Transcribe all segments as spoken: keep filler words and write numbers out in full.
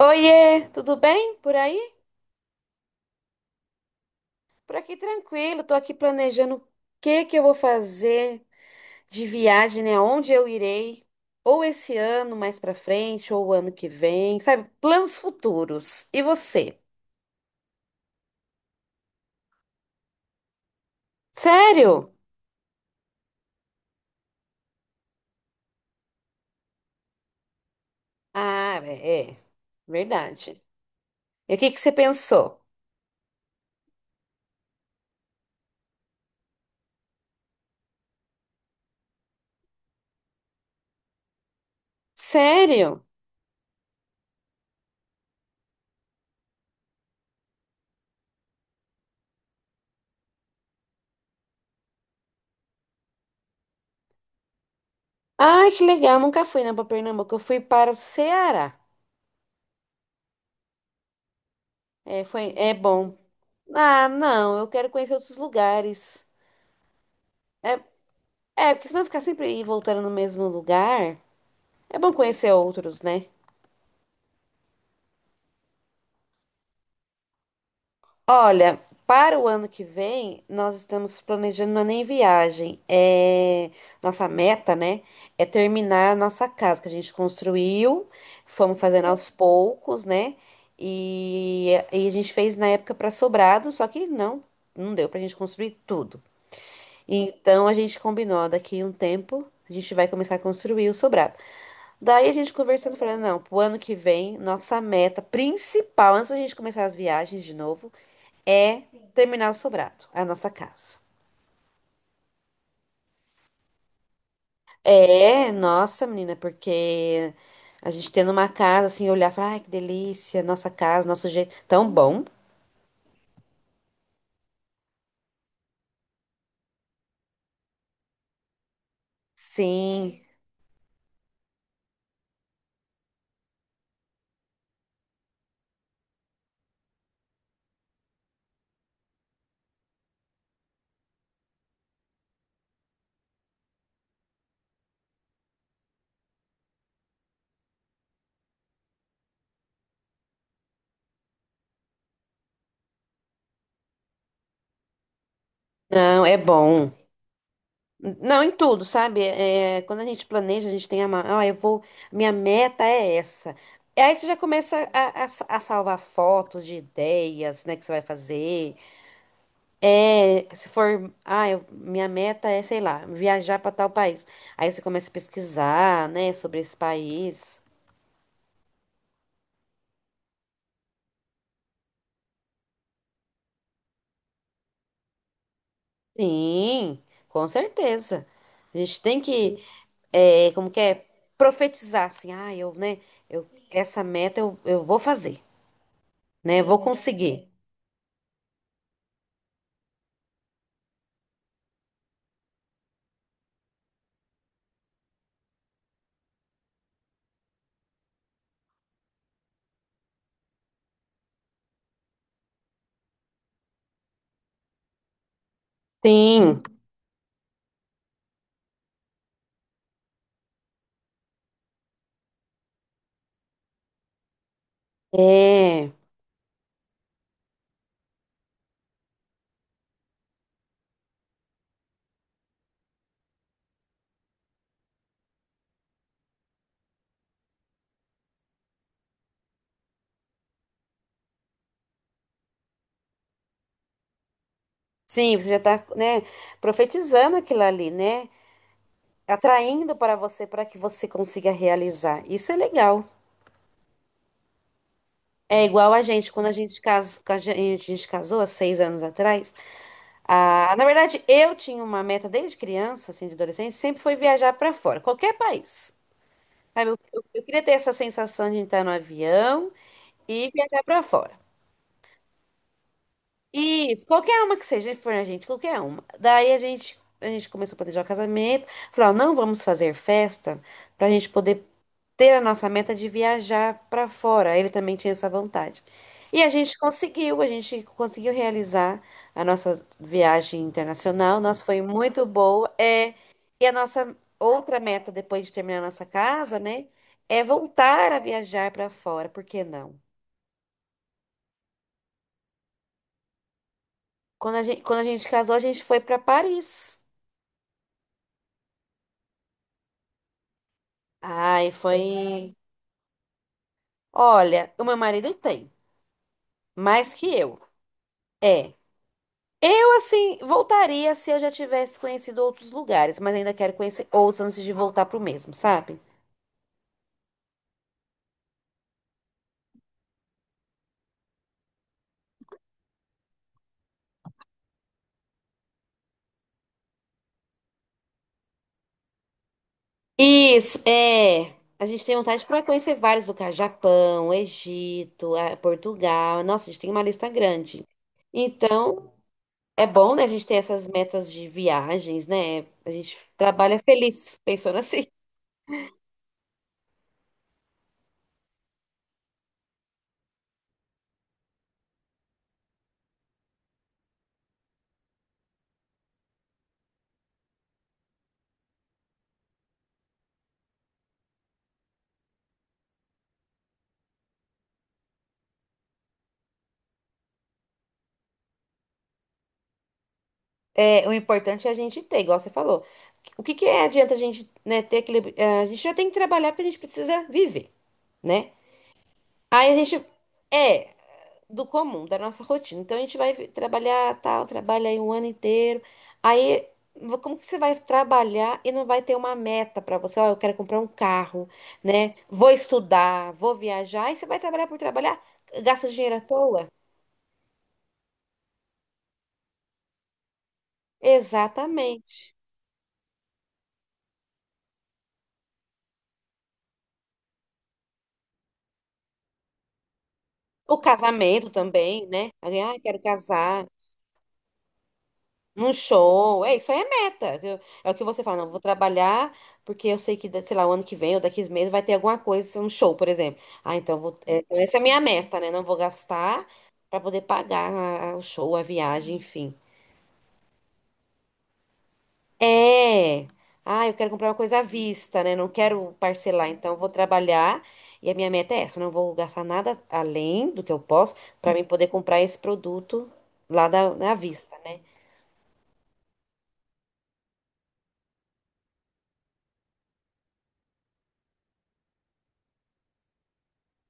Oiê, tudo bem por aí? Por aqui tranquilo, tô aqui planejando o que que eu vou fazer de viagem, né? Onde eu irei, ou esse ano mais pra frente, ou o ano que vem, sabe? Planos futuros. E você? Sério? Ah, é, é, verdade. E o que que você pensou? Sério? Ai, que legal, nunca fui, né, pra Pernambuco, eu fui para o Ceará. É, foi, é bom. Ah, não, eu quero conhecer outros lugares. É, É, porque senão ficar sempre aí voltando no mesmo lugar, é bom conhecer outros, né? Olha, para o ano que vem, nós estamos planejando uma nem viagem. É... Nossa meta, né? É terminar a nossa casa que a gente construiu, fomos fazendo aos poucos, né? E, e a gente fez na época para sobrado, só que não, não deu pra gente construir tudo. Então a gente combinou, ó, daqui um tempo a gente vai começar a construir o sobrado. Daí a gente conversando, falando, não, pro ano que vem, nossa meta principal, antes da gente começar as viagens de novo, é terminar o sobrado, a nossa casa. É, nossa, menina, porque a gente tendo uma casa assim, olhar e falar, ai, que delícia, nossa casa, nosso jeito, tão bom. Sim, não, é bom. Não, em tudo, sabe? É, quando a gente planeja, a gente tem a, mão. Ah, eu vou, minha meta é essa. E aí você já começa a, a sa- a salvar fotos de ideias, né, que você vai fazer. É, se for, ah, eu- minha meta é, sei lá, viajar para tal país. Aí você começa a pesquisar, né, sobre esse país. Sim, com certeza. A gente tem que, é, como que é, profetizar, assim, ah, eu, né, eu, essa meta eu, eu vou fazer, né, eu vou conseguir. Sim, é. Sim, você já está, né, profetizando aquilo ali, né? Atraindo para você para que você consiga realizar. Isso é legal. É igual a gente, quando a gente, cas... a gente a gente casou há seis anos atrás. Ah, na verdade, eu tinha uma meta desde criança, assim, de adolescente, sempre foi viajar para fora, qualquer país. Sabe, Eu, eu- eu queria ter essa sensação de entrar no avião e viajar para fora. Isso, qualquer uma que seja, for a gente, qualquer uma. Daí a gente, a gente começou a planejar o casamento, falou, ó, não vamos fazer festa pra gente poder ter a nossa meta de viajar pra fora. Ele também tinha essa vontade. E a gente conseguiu, a gente conseguiu realizar a nossa viagem internacional. Nossa, foi muito boa. É, e a nossa outra meta depois de terminar a nossa casa, né, é voltar a viajar pra fora, por que não? Quando a gente, quando a gente casou, a gente foi pra Paris. Ai, foi. Olha, o meu marido tem, mais que eu. É. Eu, assim, voltaria se eu já tivesse conhecido outros lugares, mas ainda quero conhecer outros antes de voltar pro mesmo, sabe? Isso, é. A gente tem vontade para conhecer vários lugares: Japão, Egito, eh, Portugal. Nossa, a gente tem uma lista grande. Então, é bom, né, a gente ter essas metas de viagens, né? A gente trabalha feliz pensando assim. É, o importante é a gente ter, igual você falou. O que que é, adianta a gente, né, ter aquele. eh, A gente já tem que trabalhar porque a gente precisa viver, né? Aí a gente é do comum, da nossa rotina. Então a gente vai vi- trabalhar tal, trabalha aí um ano inteiro. Aí vo- como que você vai trabalhar e não vai ter uma meta pra você? Ó, eu quero comprar um carro, né? Vou estudar, vou viajar. E você vai trabalhar por trabalhar? Gasta dinheiro à toa? Exatamente. O casamento também, né? Alguém, ah, quero casar. Num show, é isso aí é meta. Viu? É o que você fala, não, vou trabalhar porque eu sei que, da- sei lá, o ano que vem ou daqui a meses vai ter alguma coisa, um show, por exemplo. Ah, então vou, é, então essa é a minha meta, né? Não vou gastar pra poder pagar a- o show, a viagem, enfim. É. Ah, eu quero comprar uma coisa à vista, né? Não quero parcelar, então eu vou trabalhar e a minha meta é essa, eu não vou gastar nada além do que eu posso pra mim poder comprar esse produto lá da, na vista, né?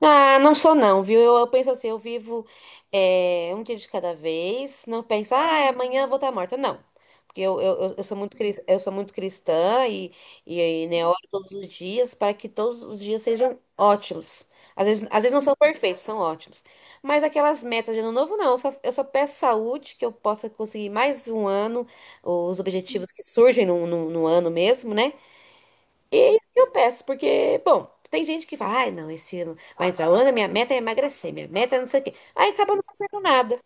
Ah, não sou não, viu? Eu, eu penso assim, eu vivo eh, um dia de cada vez, não penso, ah, amanhã eu vou estar morta. Não, porque eu, eu, eu eu sou muito, cris- eu sou muito cristã e, e, e né, oro todos os dias para que todos os dias sejam ótimos. Às vezes, às vezes não são perfeitos, são ótimos. Mas aquelas metas de ano novo, não. Eu só, eu só peço saúde, que eu possa conseguir mais um ano, os objetivos que surgem no, no, no ano mesmo, né? E É isso que eu peço, porque, bom, tem gente que fala, ai, não, esse ano vai entrar o ano, minha meta é emagrecer, minha meta é não sei o quê. Aí acaba não fazendo nada.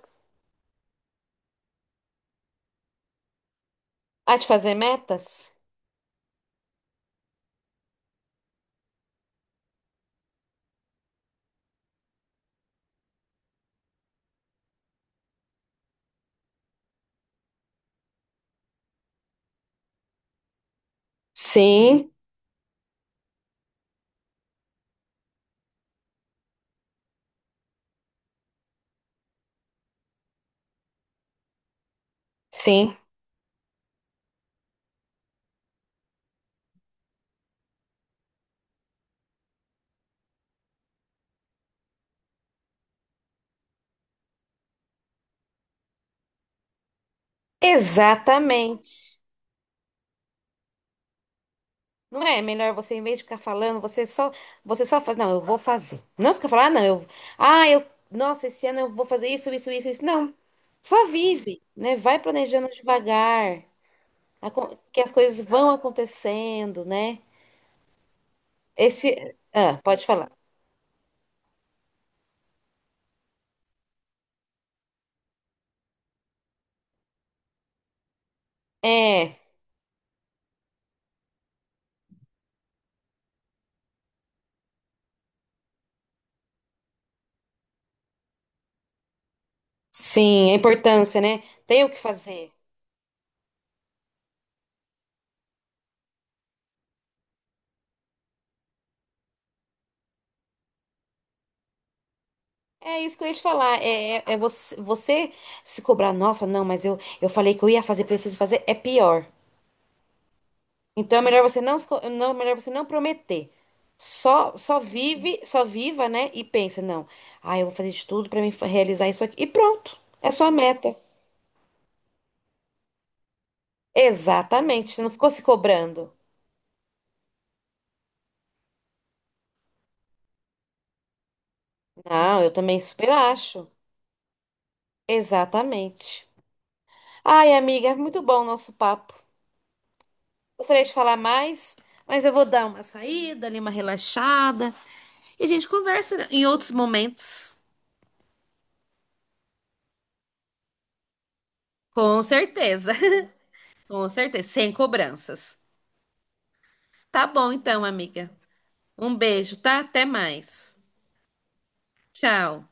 A de fazer metas? Sim, sim. Exatamente. Não é melhor você, em vez de ficar falando, você só, você só faz, não, eu vou fazer. Não fica falando, ah, não, eu, ah, eu, nossa, esse ano eu vou fazer isso, isso, isso, isso. Não. Só vive, né? Vai planejando devagar, acon- que as coisas vão acontecendo, né? Esse, ah, pode falar. É, sim, a importância, né? Tem o que fazer. É isso que eu ia te falar. É, é, é você, você se cobrar, nossa, não, mas eu, eu falei que eu ia fazer, preciso fazer, é pior. Então é melhor você não, se co- não, melhor você não prometer. Só, só vive, só viva, né? E pensa, não, ah, eu vou fazer de tudo pra me fa- realizar isso aqui. E pronto, é sua meta. Exatamente, você não ficou se cobrando. Não, eu também super acho. Exatamente. Ai, amiga, muito bom o nosso papo. Gostaria de falar mais, mas eu vou dar uma saída, ali uma relaxada. E a gente conversa em outros momentos. Com certeza. Com certeza. Sem cobranças. Tá bom então, amiga. Um beijo, tá? Até mais. Tchau.